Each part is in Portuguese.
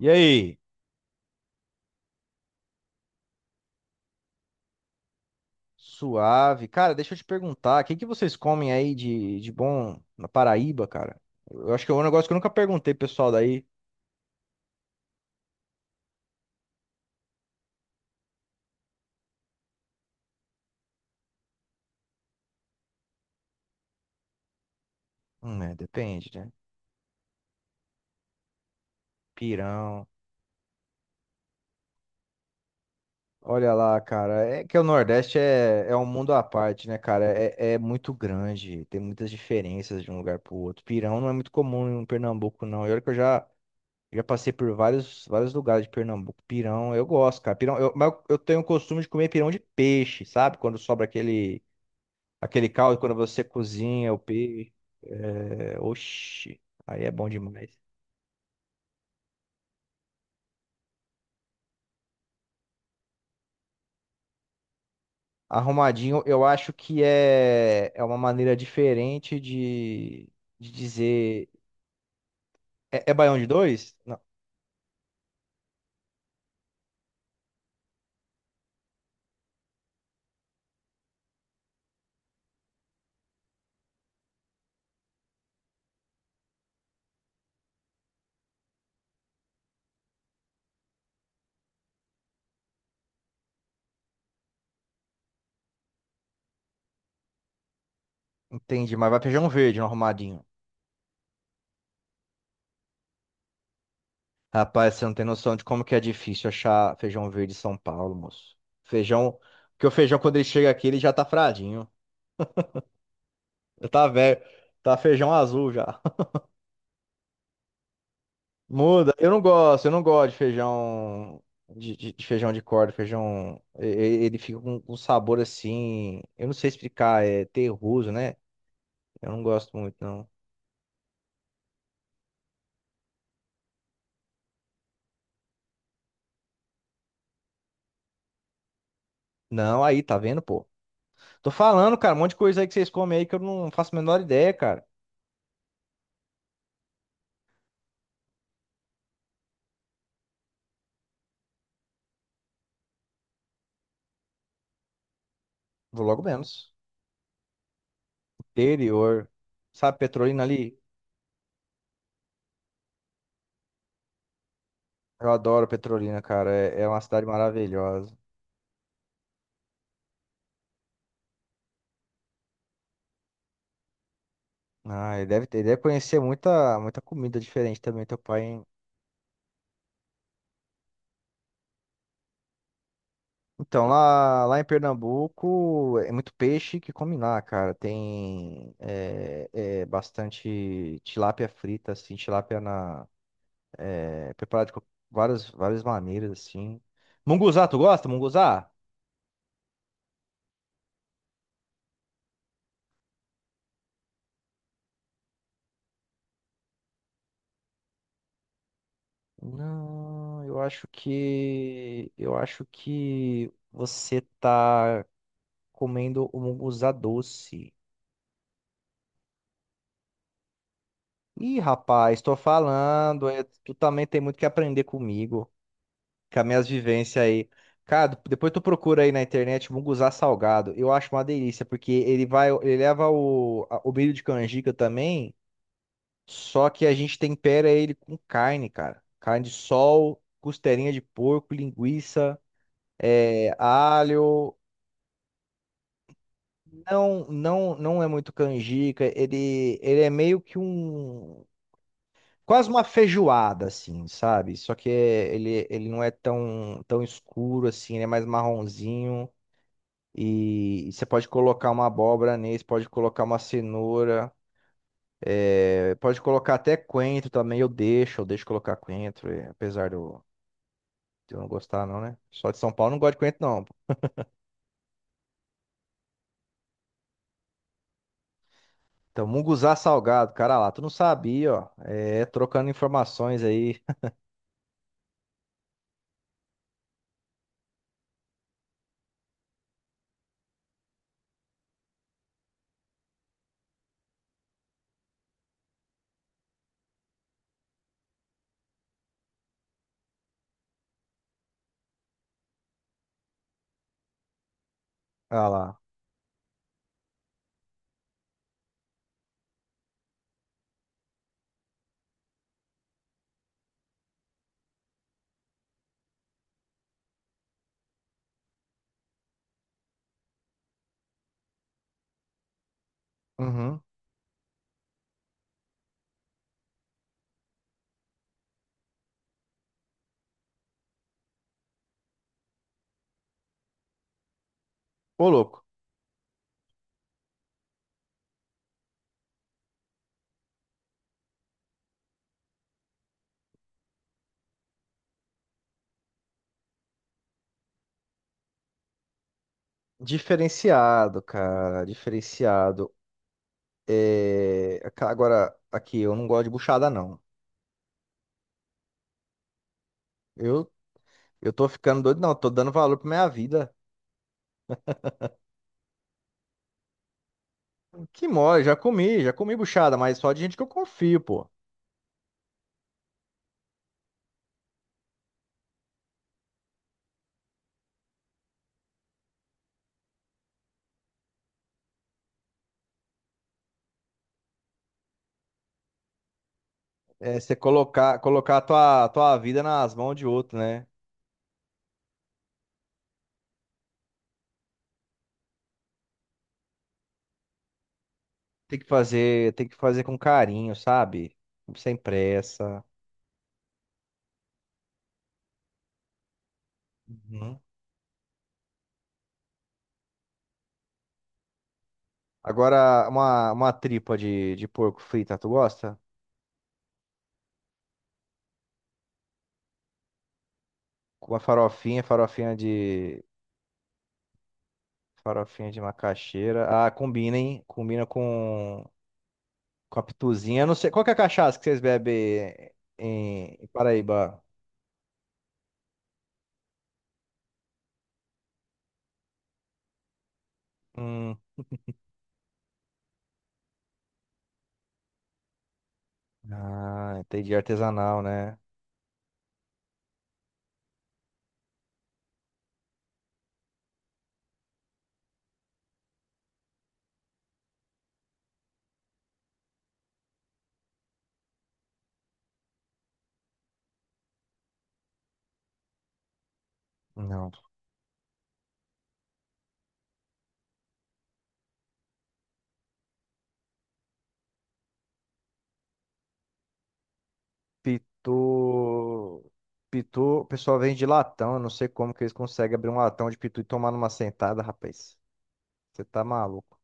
E aí? Suave. Cara, deixa eu te perguntar, o que que vocês comem aí de bom na Paraíba, cara? Eu acho que é um negócio que eu nunca perguntei pro pessoal daí. É, depende, né? Pirão. Olha lá, cara. É que o Nordeste é um mundo à parte, né, cara? É muito grande, tem muitas diferenças de um lugar pro outro. Pirão não é muito comum em Pernambuco, não. E olha que já passei por vários lugares de Pernambuco. Pirão, eu gosto, cara. Pirão, mas eu tenho o costume de comer pirão de peixe, sabe? Quando sobra aquele aquele caldo quando você cozinha o peixe. Oxi, aí é bom demais. Arrumadinho, eu acho que é uma maneira diferente de dizer. É, é baião de dois? Não, entendi, mas vai feijão verde no arrumadinho. Rapaz, você não tem noção de como que é difícil achar feijão verde em São Paulo, moço. Feijão. Porque o feijão, quando ele chega aqui, ele já tá fradinho. Já tá velho. Tá feijão azul já. Muda. Eu não gosto de feijão de feijão de corda, feijão. Ele fica com um sabor assim. Eu não sei explicar, é terroso, né? Eu não gosto muito, não. Não, aí, tá vendo, pô? Tô falando, cara, um monte de coisa aí que vocês comem aí que eu não faço a menor ideia, cara. Vou logo menos. Interior. Sabe, Petrolina ali? Eu adoro Petrolina, cara. É uma cidade maravilhosa. Ah, ele deve conhecer muita comida diferente também, teu pai, hein? Então, lá em Pernambuco é muito peixe que come lá, cara. Tem bastante tilápia frita, assim, tilápia preparada várias maneiras, assim. Munguzá, tu gosta, munguzá? Não, eu acho que você tá comendo o munguzá doce. Ih, rapaz, tô falando, tu também tem muito que aprender comigo com as minhas vivências aí. Cara, depois tu procura aí na internet munguzá salgado. Eu acho uma delícia, porque ele leva o milho de canjica também, só que a gente tempera ele com carne, cara. Carne de sol, costelinha de porco, linguiça, alho. Não, não é muito canjica. Ele é meio que um quase uma feijoada, assim, sabe? Só que ele, ele não é tão escuro assim, ele é mais marronzinho. E você pode colocar uma abóbora nesse, pode colocar uma cenoura, pode colocar até coentro também. Eu deixo colocar coentro, apesar de eu não gostar, não, né? Só de São Paulo eu não gosto de coentro, não. Então, munguzá salgado, cara lá, tu não sabia, ó. É, trocando informações aí. Ah lá. Uhum. Ô, louco. Diferenciado, cara, diferenciado. Agora, aqui, eu não gosto de buchada, não. Eu, eu tô ficando doido, não. Tô dando valor pra minha vida. Que mole, já comi buchada, mas só de gente que eu confio, pô. É, colocar a tua vida nas mãos de outro, né? Tem que fazer com carinho, sabe? Sem pressa. Uhum. Agora, uma tripa de porco frita, tu gosta? Com uma farofinha, farofinha de macaxeira. Ah, combina, hein? Combina com a pituzinha. Eu não sei, qual que é a cachaça que vocês bebem em Paraíba? Hum, Ah, entendi. Artesanal, né? Não. Pitu. Pitu, o pessoal vende latão. Eu não sei como que eles conseguem abrir um latão de pitu e tomar numa sentada, rapaz. Você tá maluco.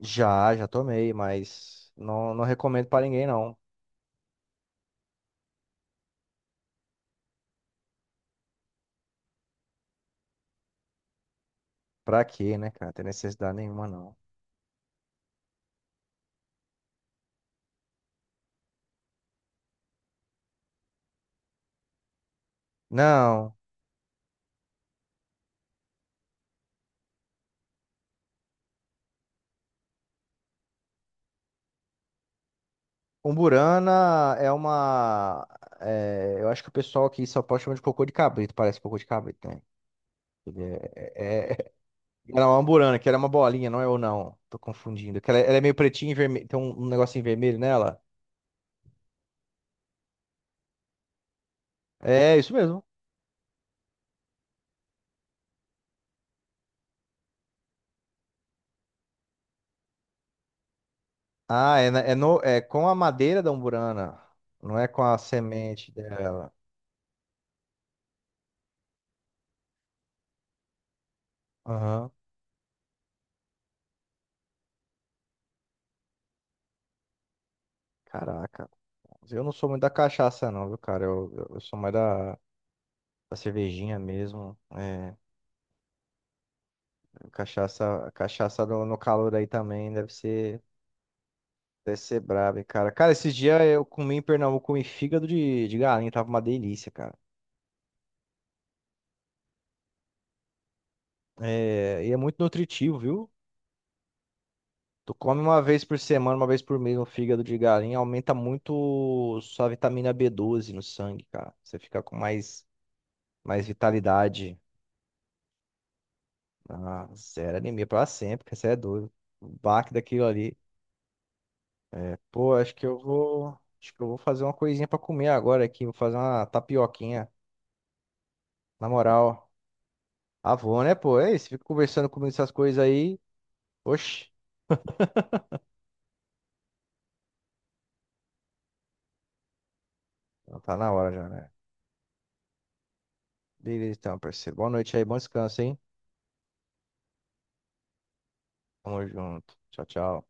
Já, já tomei, mas não recomendo pra ninguém, não. Pra quê, né, cara? Tem necessidade nenhuma, não. Não. Umburana é uma. Eu acho que o pessoal aqui em São Paulo chama de cocô de cabrito. Parece cocô de cabrito, né? Ele É, é, é Era uma amburana, que era uma bolinha, não é ou não. Tô confundindo. Que ela, ela é meio pretinha e vermelha. Tem um, um negocinho vermelho nela. É, isso mesmo. Ah, é, na- é, no, É com a madeira da umburana. Não é com a semente dela. Aham. Caraca. Eu não sou muito da cachaça, não, viu, cara? Eu sou mais da, da cervejinha mesmo. É, cachaça no calor aí também deve ser braba, hein, cara. Cara, esses dias eu comi em Pernambuco, comi fígado de galinha. Tava uma delícia, cara. É, e é muito nutritivo, viu? Tu come uma vez por semana, uma vez por mês um fígado de galinha, aumenta muito sua vitamina B12 no sangue, cara. Você fica com mais, mais vitalidade. Ah, zero anemia pra sempre, que você é doido. O baque daquilo ali. Pô, acho que eu vou. Acho que eu vou fazer uma coisinha pra comer agora aqui. Vou fazer uma tapioquinha. Na moral. Avô, né, pô? É isso, fica conversando comigo essas coisas aí. Oxi, então tá na hora já, né? Beleza, então, parceiro. Boa noite aí, bom descanso, hein? Tamo junto. Tchau, tchau.